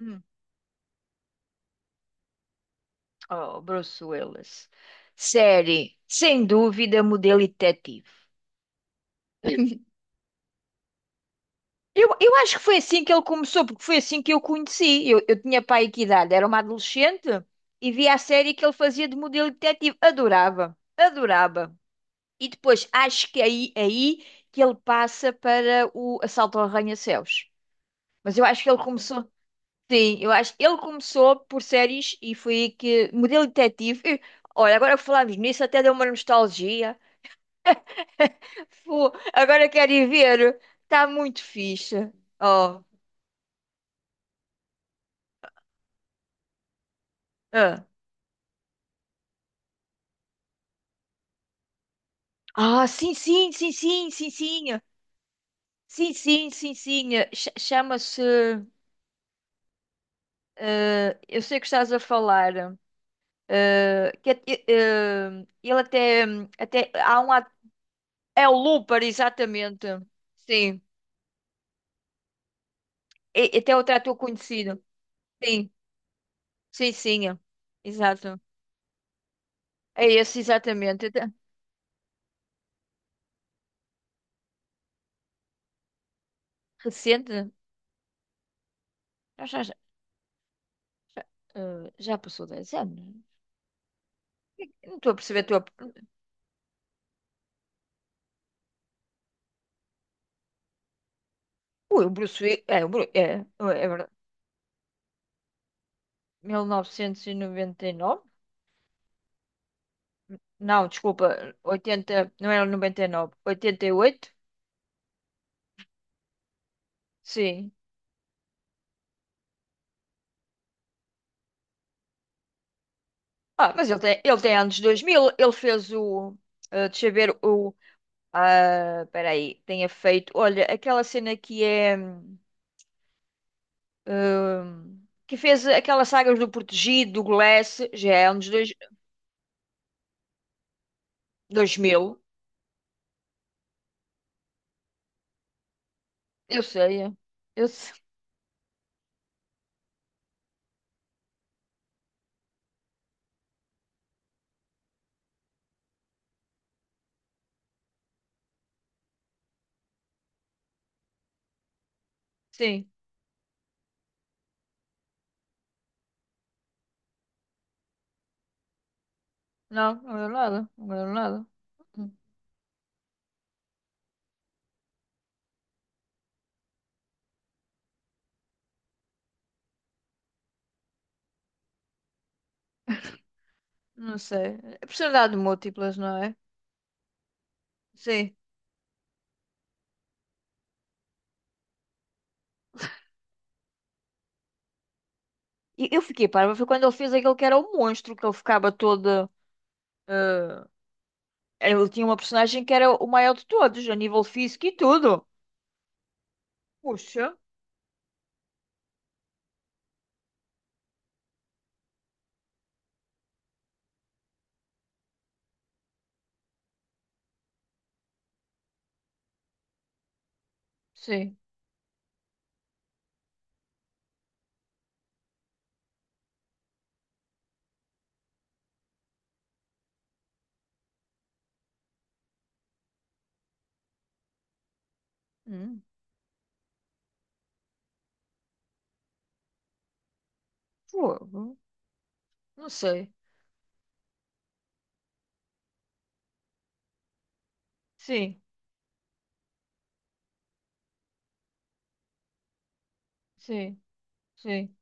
Hum. Oh, Bruce Willis. Série, sem dúvida, modelo e detetive. Eu acho que foi assim que ele começou, porque foi assim que eu o conheci. Eu tinha pai que idade, era uma adolescente e via a série que ele fazia de modelo e detetive. Adorava, adorava. E depois acho que aí que ele passa para o Assalto ao Arranha-Céus. Mas eu acho que ele começou. Sim, eu acho ele começou por séries e foi aí que modelo e detetive. E, olha, agora que falamos nisso, até deu uma nostalgia. Fu, agora que adivinharam, tá muito fixe. Ó. Ah. Ah, sim, sim, sim, sim, sim, sim. Sim, sim, sim, sim. Chama-se. Eu sei que estás a falar. Ele até. Há um. É o Looper, exatamente. Sim. E, até outro ator conhecido. Sim, sim, sim. Exato. É esse, exatamente. Recente? Já, já, já. Já passou 10 anos. Eu não estou a perceber a tua. Ui, o Bruce Willis. É, o Bruce. É verdade. 1999? Não, desculpa. 80. Não era 99. 88? Sim. Ah, mas ele tem anos 2000. Ele fez o. Deixa eu ver o. Ah, espera aí. Tenha feito. Olha, aquela cena que é. Que fez aquelas sagas do Protegido, do Glass. Já é anos dois, 2000. Eu sei. É. Eu sei. Sim. Não, não ganhou nada. Não ganhou nada. Não sei. É personalidade de múltiplas, não é? Sim. E eu fiquei parva. Foi quando ele fez aquele que era o monstro, que ele ficava todo. eh, ele tinha uma personagem que era o maior de todos, a nível físico e tudo. Puxa. Sim. Hum, fogo. Não sei. Sim, sim, sim.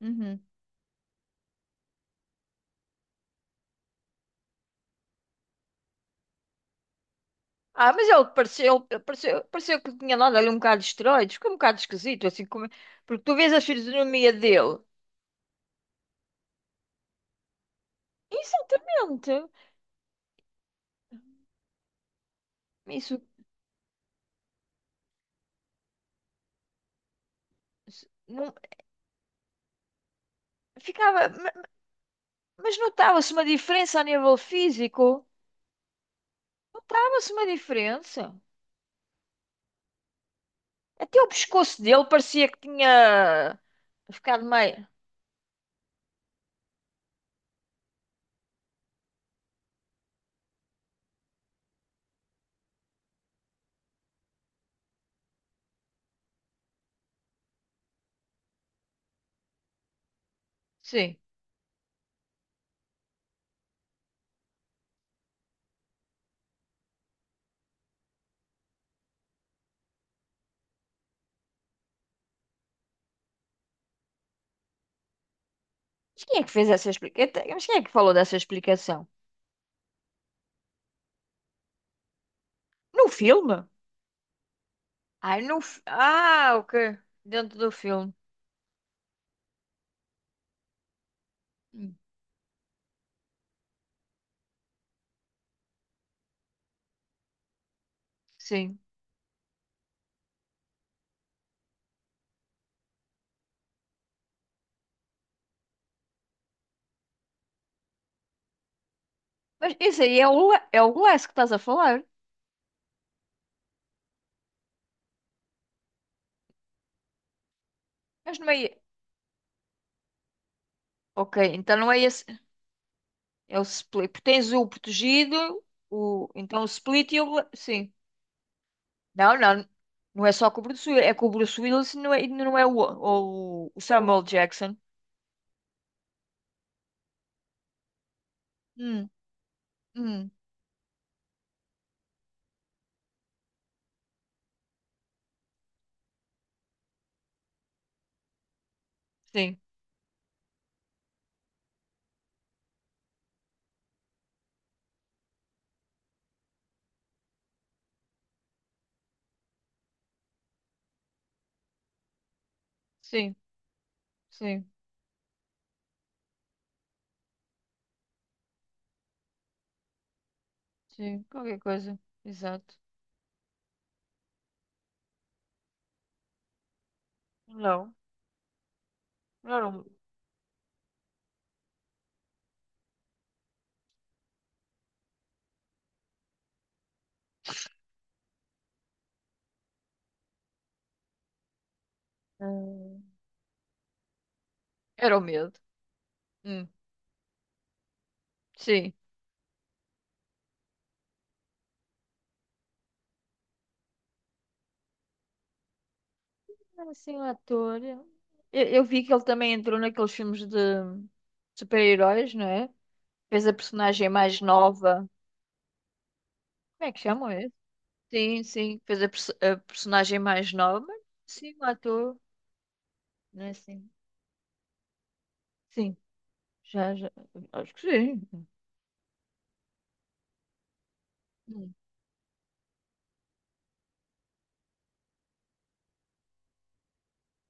Uhum. Ah, mas ele pareceu que tinha dado ali um bocado de esteroides, ficou um bocado esquisito, assim como. Porque tu vês a fisionomia dele. Exatamente. Isso. Não, ficava, ma- mas notava-se uma diferença a nível físico. Notava-se uma diferença. Até o pescoço dele parecia que tinha ficado meio. Sim. Mas quem é que fez essa explicação? Mas quem é que falou dessa explicação? No filme? Ai, no... fi- Ah, ok. Dentro do filme. Hum. Sim. Mas esse aí é o Glass que estás a falar. Mas não é. Ok, então não é esse. É o split. Tens o protegido, então o split e Sim. Não, não. Não é só com o Bruce Willis. É com o Bruce Willis e não é o, ou o Samuel Jackson. Hum, hum. Sim, sim, sim, sim. Qualquer coisa. Exato. Não. Não hum, era o medo. Hum, sim. Era assim o ator. Eu vi que ele também entrou naqueles filmes de super-heróis, não é? Fez a personagem mais nova. Como é que chamam esse? Sim, sim. Fez a personagem mais nova. Sim, o ator. Não é assim? Sim. Já, já. Acho que sim. Hum.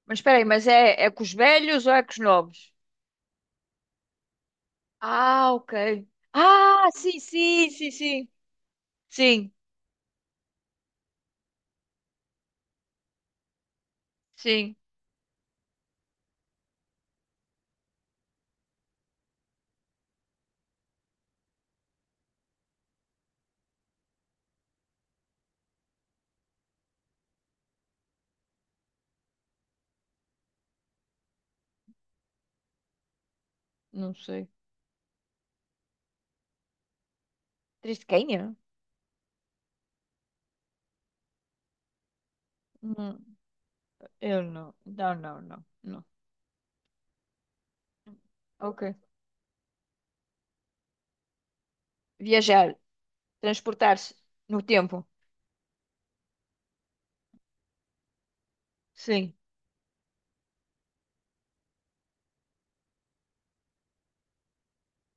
Mas espera aí, mas é com os velhos ou é com os novos? Ah, ok. Ah, sim, sim, sim, sim. Sim, sim. Não sei. Triscainha? Não, eu não. Não, não, não. Não. Ok. Viajar, transportar-se no tempo. Sim,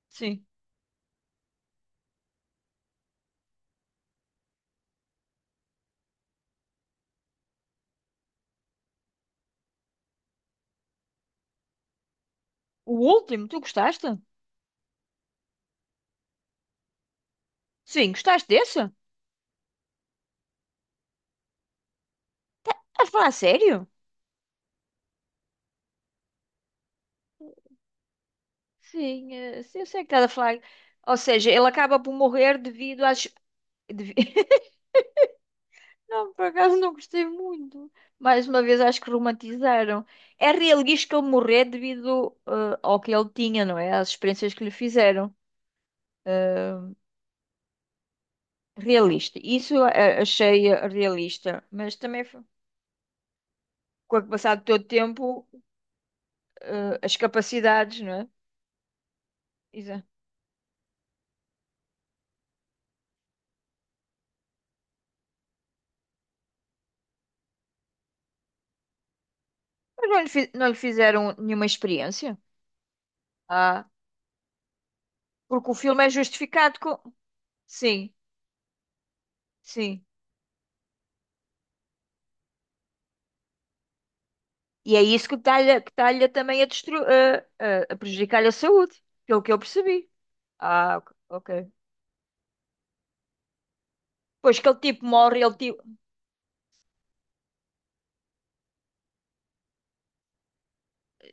sim. O último, tu gostaste? Sim, gostaste desse? Estás a falar a sério? Sim, Sim, eu sei que estás a falar. Ou seja, ele acaba por morrer devido às. devi- Não, por acaso não gostei muito. Mais uma vez, acho que romantizaram. É realista que ele morrer devido ao que ele tinha, não é? Às experiências que lhe fizeram. Eh, realista. Isso achei realista. Mas também, com o passar do todo tempo, as capacidades, não é? Exato. Mas não lhe fizeram nenhuma experiência. Ah, porque o filme é justificado com. Sim, sim. E é isso que está-lhe também a prejudicar a saúde, pelo que eu percebi. Ah, ok. Ok. Pois que ele tipo morre, ele tipo.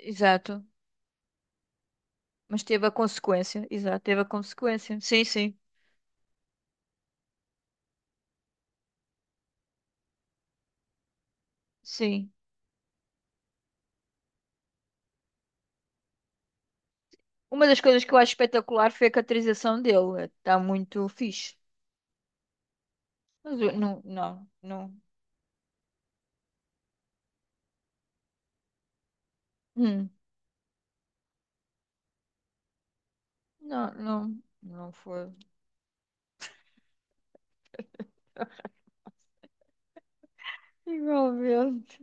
Exato. Mas teve a consequência. Exato, teve a consequência. Sim, sim, sim. Uma das coisas que eu acho espetacular foi a caracterização dele. Está muito fixe. Mas não, não, não. Hum. Não, não, não foi. Igualmente.